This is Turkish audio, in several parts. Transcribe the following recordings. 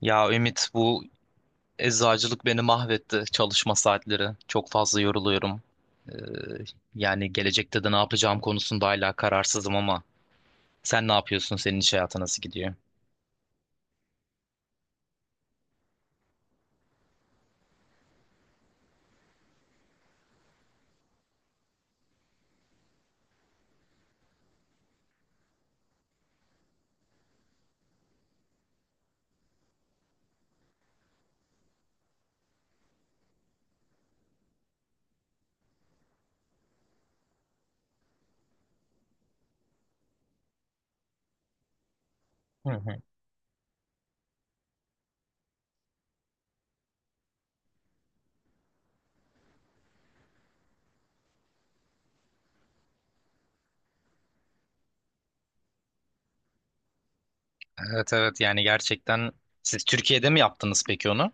Ya Ümit bu eczacılık beni mahvetti çalışma saatleri. Çok fazla yoruluyorum. Ee, Yani gelecekte de ne yapacağım konusunda hala kararsızım ama sen ne yapıyorsun? Senin iş hayatı nasıl gidiyor? Hı hı. Evet, evet, yani gerçekten siz Türkiye'de mi yaptınız peki onu?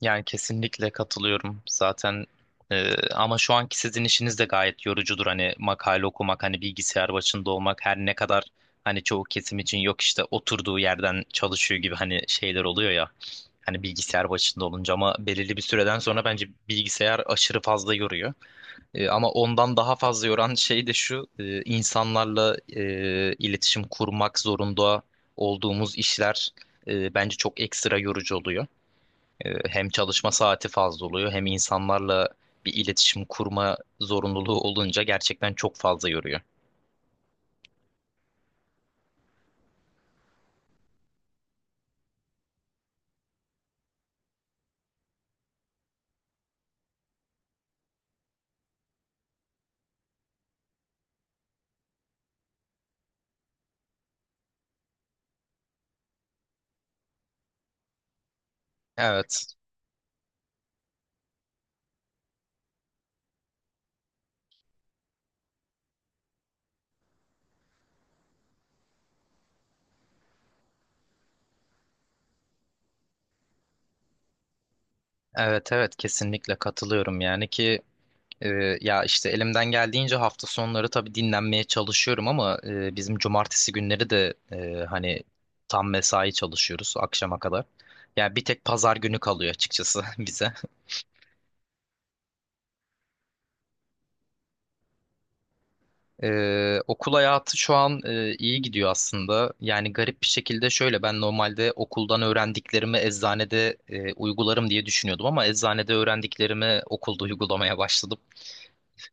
Yani kesinlikle katılıyorum zaten, ama şu anki sizin işiniz de gayet yorucudur, hani makale okumak, hani bilgisayar başında olmak. Her ne kadar hani çoğu kesim için yok işte oturduğu yerden çalışıyor gibi hani şeyler oluyor ya, hani bilgisayar başında olunca, ama belirli bir süreden sonra bence bilgisayar aşırı fazla yoruyor. Ama ondan daha fazla yoran şey de şu: insanlarla iletişim kurmak zorunda olduğumuz işler bence çok ekstra yorucu oluyor. Hem çalışma saati fazla oluyor, hem insanlarla bir iletişim kurma zorunluluğu olunca gerçekten çok fazla yoruyor. Evet. Evet, evet, kesinlikle katılıyorum yani ki. Ya işte elimden geldiğince hafta sonları tabii dinlenmeye çalışıyorum, ama bizim cumartesi günleri de hani tam mesai çalışıyoruz akşama kadar. Yani bir tek pazar günü kalıyor açıkçası bize. Okul hayatı şu an iyi gidiyor aslında. Yani garip bir şekilde şöyle: ben normalde okuldan öğrendiklerimi eczanede uygularım diye düşünüyordum, ama eczanede öğrendiklerimi okulda uygulamaya başladım.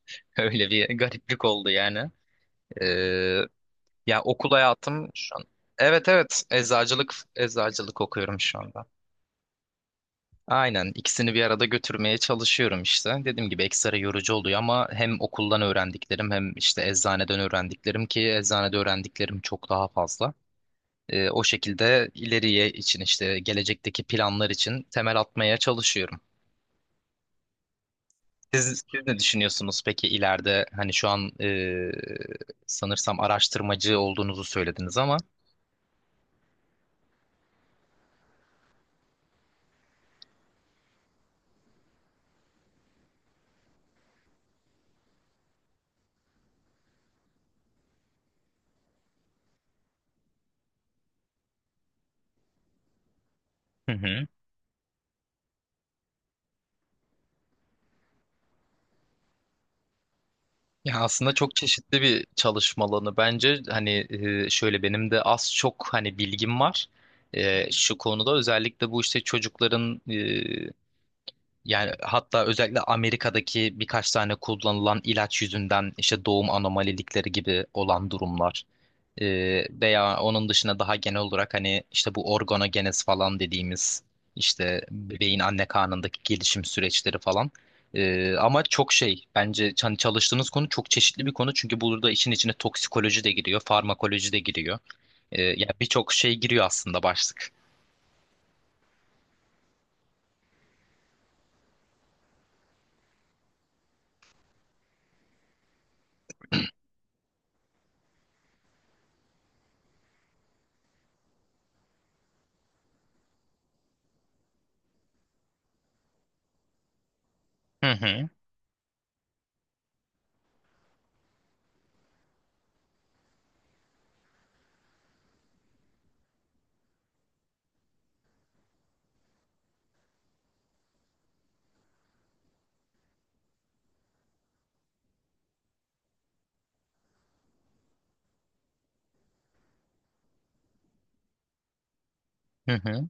Öyle bir gariplik oldu yani. Ya okul hayatım şu an. Evet, evet, eczacılık okuyorum şu anda. Aynen ikisini bir arada götürmeye çalışıyorum işte. Dediğim gibi ekstra yorucu oluyor, ama hem okuldan öğrendiklerim hem işte eczaneden öğrendiklerim, ki eczanede öğrendiklerim çok daha fazla. O şekilde ileriye için işte gelecekteki planlar için temel atmaya çalışıyorum. Siz ne düşünüyorsunuz peki ileride, hani şu an sanırsam araştırmacı olduğunuzu söylediniz ama. Hı hı. Ya aslında çok çeşitli bir çalışma alanı bence, hani şöyle benim de az çok hani bilgim var. Şu konuda özellikle bu işte çocukların yani hatta özellikle Amerika'daki birkaç tane kullanılan ilaç yüzünden işte doğum anomalilikleri gibi olan durumlar, veya onun dışında daha genel olarak hani işte bu organogenez falan dediğimiz işte bebeğin anne karnındaki gelişim süreçleri falan. Ama çok şey bence, hani çalıştığınız konu çok çeşitli bir konu, çünkü burada işin içine toksikoloji de giriyor, farmakoloji de giriyor. Yani birçok şey giriyor aslında başlık. Hı hı, hı hı.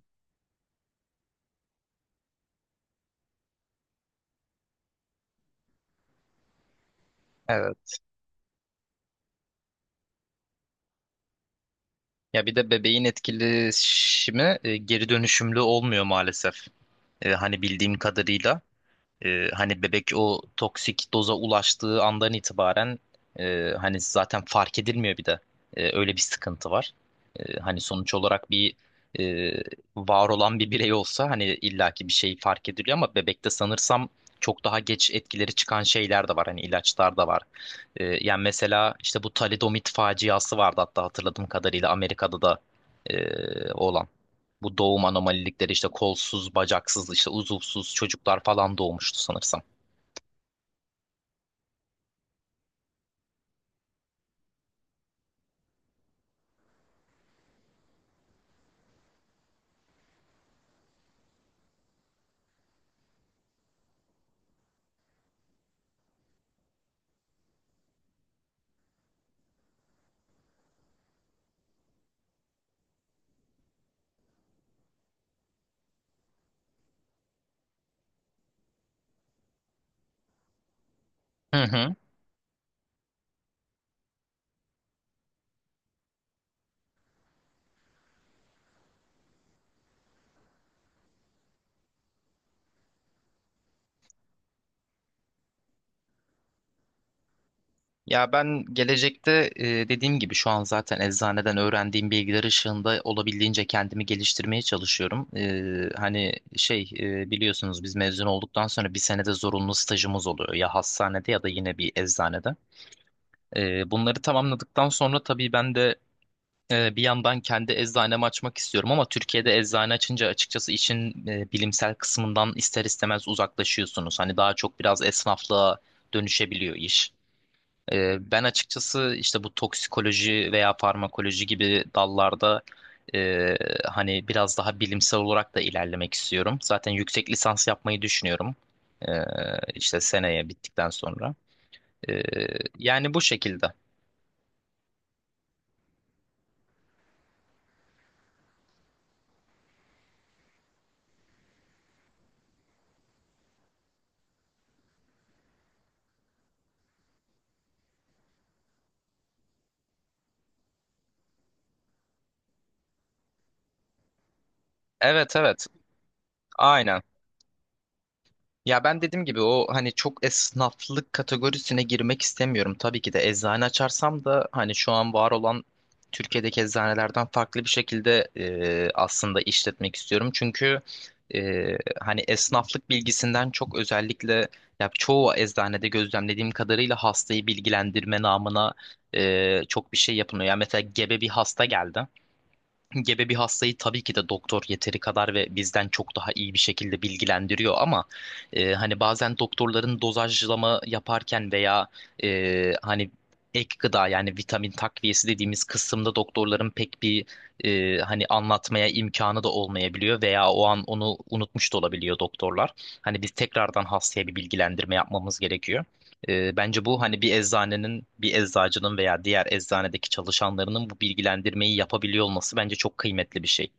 Evet. Ya bir de bebeğin etkileşimi geri dönüşümlü olmuyor maalesef. Hani bildiğim kadarıyla. Hani bebek o toksik doza ulaştığı andan itibaren hani zaten fark edilmiyor bir de. Öyle bir sıkıntı var. Hani sonuç olarak bir e, var olan bir birey olsa hani illaki bir şey fark ediliyor, ama bebekte sanırsam çok daha geç etkileri çıkan şeyler de var. Hani ilaçlar da var. Yani mesela işte bu talidomid faciası vardı, hatta hatırladığım kadarıyla Amerika'da da e, olan. Bu doğum anomalilikleri işte kolsuz, bacaksız, işte uzuvsuz çocuklar falan doğmuştu sanırsam. Hı hı. Ya ben gelecekte dediğim gibi şu an zaten eczaneden öğrendiğim bilgiler ışığında olabildiğince kendimi geliştirmeye çalışıyorum. Hani biliyorsunuz biz mezun olduktan sonra bir senede zorunlu stajımız oluyor ya, hastanede ya da yine bir eczanede. Bunları tamamladıktan sonra tabii ben de bir yandan kendi eczanemi açmak istiyorum, ama Türkiye'de eczane açınca açıkçası işin bilimsel kısmından ister istemez uzaklaşıyorsunuz. Hani daha çok biraz esnaflığa dönüşebiliyor iş. Ben açıkçası işte bu toksikoloji veya farmakoloji gibi dallarda e, hani biraz daha bilimsel olarak da ilerlemek istiyorum. Zaten yüksek lisans yapmayı düşünüyorum. İşte seneye bittikten sonra. Ee, Yani bu şekilde. Evet, evet. Aynen. Ya ben dediğim gibi o hani çok esnaflık kategorisine girmek istemiyorum. Tabii ki de eczane açarsam da hani şu an var olan Türkiye'deki eczanelerden farklı bir şekilde aslında işletmek istiyorum. Çünkü e, hani esnaflık bilgisinden çok özellikle ya çoğu eczanede gözlemlediğim kadarıyla hastayı bilgilendirme namına çok bir şey yapılmıyor. Ya mesela gebe bir hasta geldi. Gebe bir hastayı tabii ki de doktor yeteri kadar ve bizden çok daha iyi bir şekilde bilgilendiriyor, ama hani bazen doktorların dozajlama yaparken veya hani ek gıda yani vitamin takviyesi dediğimiz kısımda doktorların pek bir hani anlatmaya imkanı da olmayabiliyor, veya o an onu unutmuş da olabiliyor doktorlar. Hani biz tekrardan hastaya bir bilgilendirme yapmamız gerekiyor. Bence bu hani bir eczanenin, bir eczacının veya diğer eczanedeki çalışanlarının bu bilgilendirmeyi yapabiliyor olması bence çok kıymetli bir şey.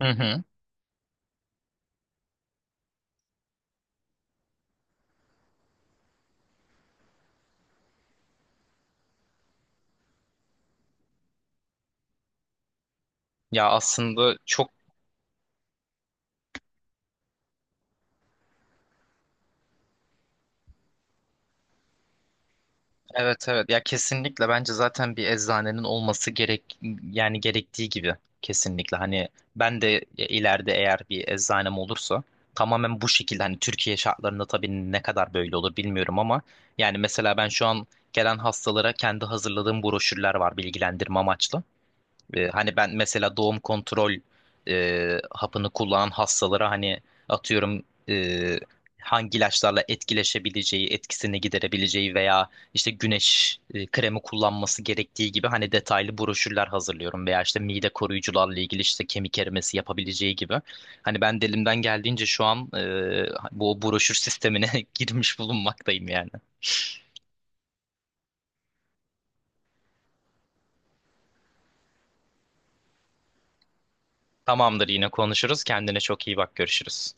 Hı hı. Ya aslında çok evet, evet, ya kesinlikle bence zaten bir eczanenin olması gerek, yani gerektiği gibi. Kesinlikle hani ben de ileride eğer bir eczanem olursa tamamen bu şekilde, hani Türkiye şartlarında tabii ne kadar böyle olur bilmiyorum, ama yani mesela ben şu an gelen hastalara kendi hazırladığım broşürler var, bilgilendirme amaçlı. Hani ben mesela doğum kontrol hapını kullanan hastalara hani atıyorum e, hangi ilaçlarla etkileşebileceği, etkisini giderebileceği, veya işte güneş kremi kullanması gerektiği gibi, hani detaylı broşürler hazırlıyorum, veya işte mide koruyucularla ilgili işte kemik erimesi yapabileceği gibi. Hani ben de elimden geldiğince şu an bu broşür sistemine girmiş bulunmaktayım yani. Tamamdır, yine konuşuruz. Kendine çok iyi bak. Görüşürüz.